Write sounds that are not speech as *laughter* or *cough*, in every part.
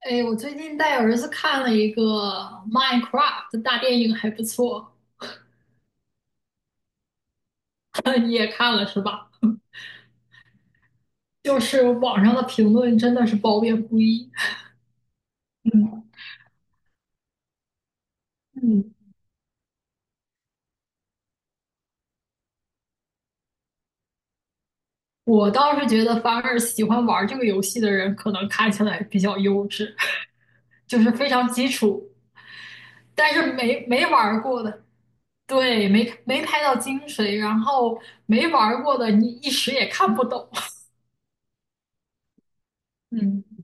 哎，我最近带儿子看了一个《Minecraft》大电影，还不错。*laughs* 你也看了是吧？就是网上的评论真的是褒贬不一。嗯嗯，我倒是觉得，反而喜欢玩这个游戏的人，可能看起来比较幼稚，*laughs* 就是非常基础。但是没玩过的，对，没拍到精髓，然后没玩过的，你一时也看不懂。*laughs* 嗯。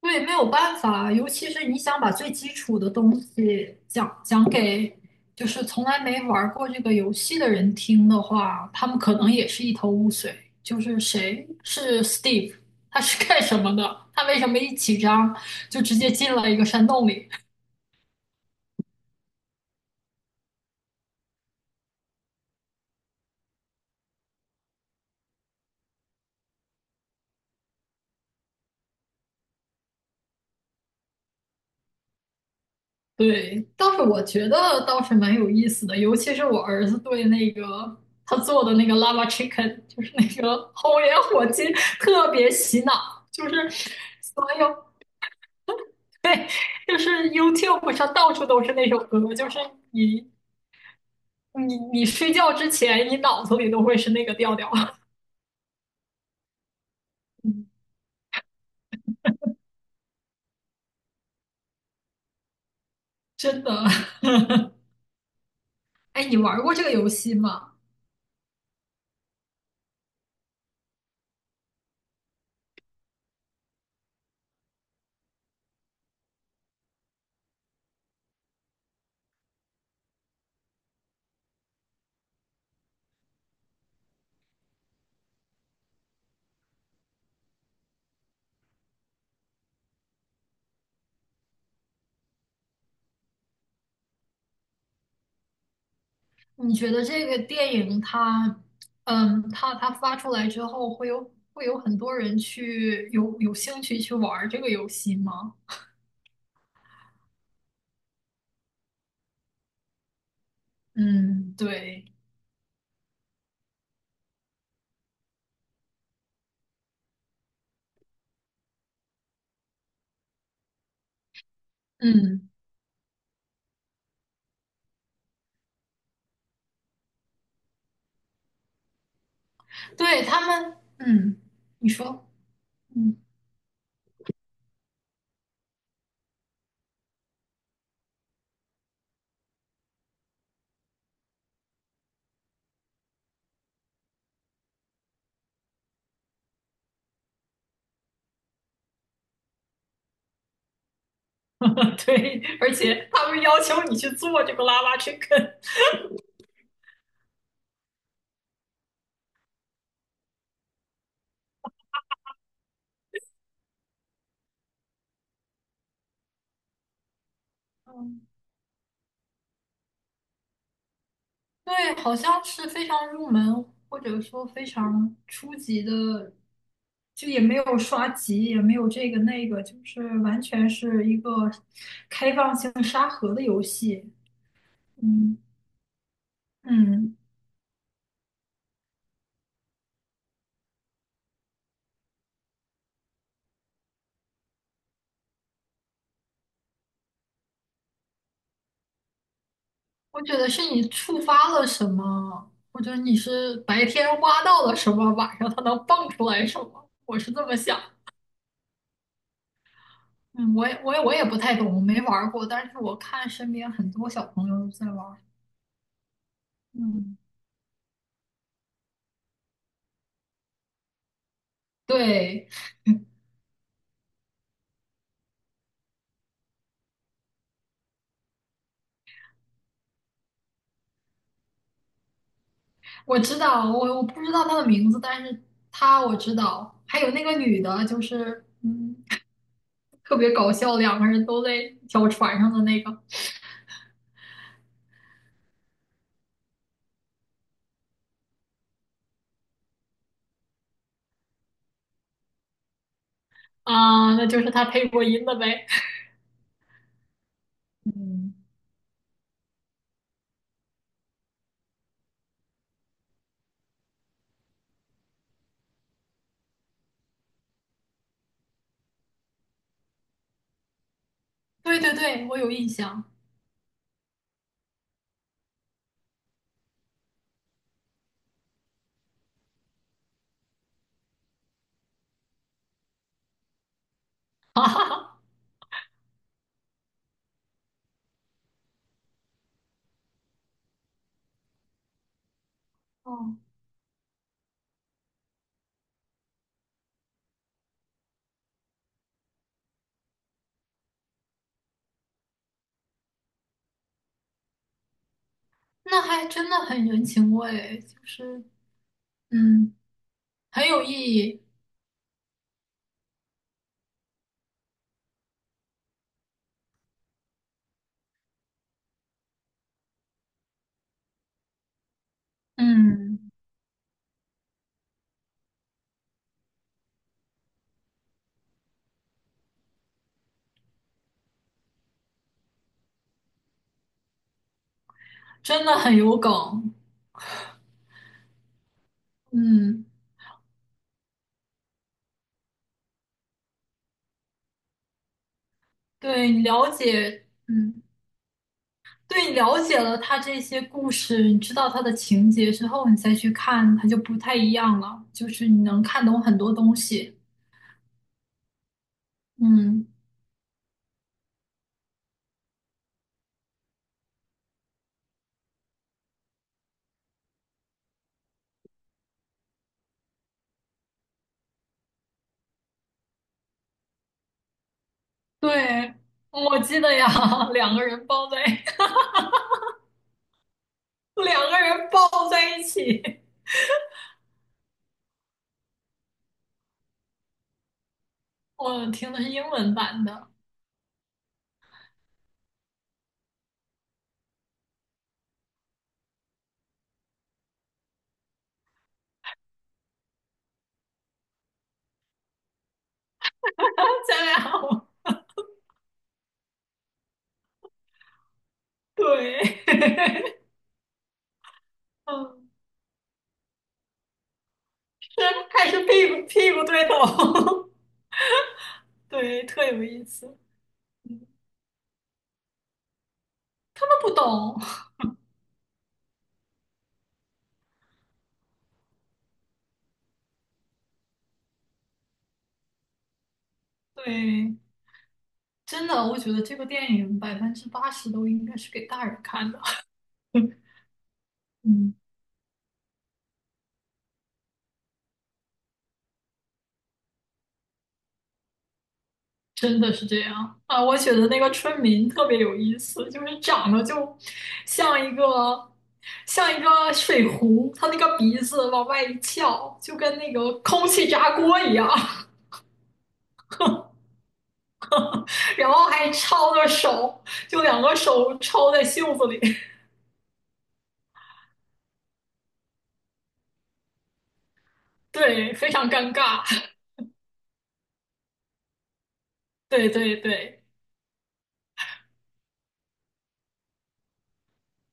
对，没有办法，尤其是你想把最基础的东西讲讲给就是从来没玩儿过这个游戏的人听的话，他们可能也是一头雾水。就是谁是 Steve，他是干什么的？他为什么一起张就直接进了一个山洞里？对，倒是我觉得倒是蛮有意思的，尤其是我儿子对那个他做的那个 lava chicken，就是那个 *laughs* 红莲火鸡，特别洗脑，就是所有。对，就是 YouTube 上到处都是那首歌，就是你你睡觉之前，你脑子里都会是那个调调。*laughs* 嗯真的。哎，你玩过这个游戏吗？你觉得这个电影它，嗯，它发出来之后，会有很多人去有兴趣去玩这个游戏吗？嗯，对，嗯，对他们，嗯，你说，嗯，*laughs* 对，而且他们要求你去做这个拉拉 chicken。对，好像是非常入门或者说非常初级的，就也没有刷级，也没有这个那个，就是完全是一个开放性沙盒的游戏。嗯嗯，我觉得是你触发了什么，或者你是白天挖到了什么，晚上它能蹦出来什么，我是这么想。嗯，我也不太懂，我没玩儿过，但是我看身边很多小朋友都在玩儿嗯，对。我知道，我不知道他的名字，但是他我知道，还有那个女的，就是嗯，特别搞笑，两个人都在一条船上的那个啊，那就是他配过音的呗。嗯，对对对，我有印象。*laughs* 哈哈哈，哦，那还真的很人情味，就是嗯，很有意义，嗯，真的很有梗，嗯，对你了解，嗯。对，了解了他这些故事，你知道他的情节之后，你再去看，它就不太一样了。就是你能看懂很多东西。嗯，对，我记得呀，*laughs* 两个人抱在 *laughs* 两个人抱在一起，我听的是英文版的，咱俩 *laughs* 对，*laughs* 嗯，是还是屁股对头，*laughs* 对，特有意思。他们不懂，对，真的，我觉得这个电影80%都应该是给大人看的。*laughs* 嗯，嗯，真的是这样啊！我觉得那个村民特别有意思，就是长得就像一个像一个水壶，他那个鼻子往外一翘，就跟那个空气炸锅一样，*laughs* 然后还抄着手，就两个手抄在袖子里，*laughs* 对，非常尴尬，对对对，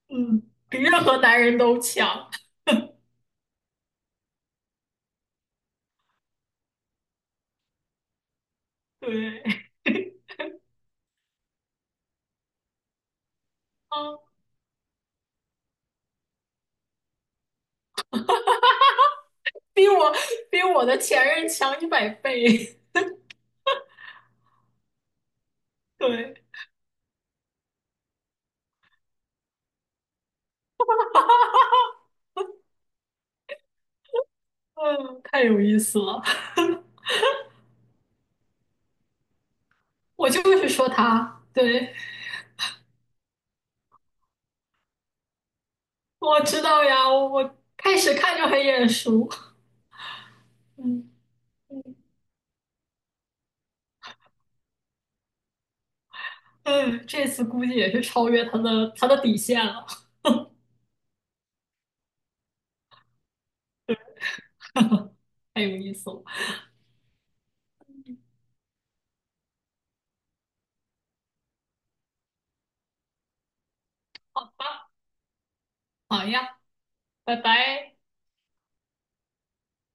嗯，比任何男人都强，对，嗯，比我比我的前任强100倍，*laughs* 对，嗯，太有意思了。我就是说他，对，我知道呀，我开始看就很眼熟，嗯嗯，这次估计也是超越他的底线了，*laughs* 太有意思了，好呀，拜拜。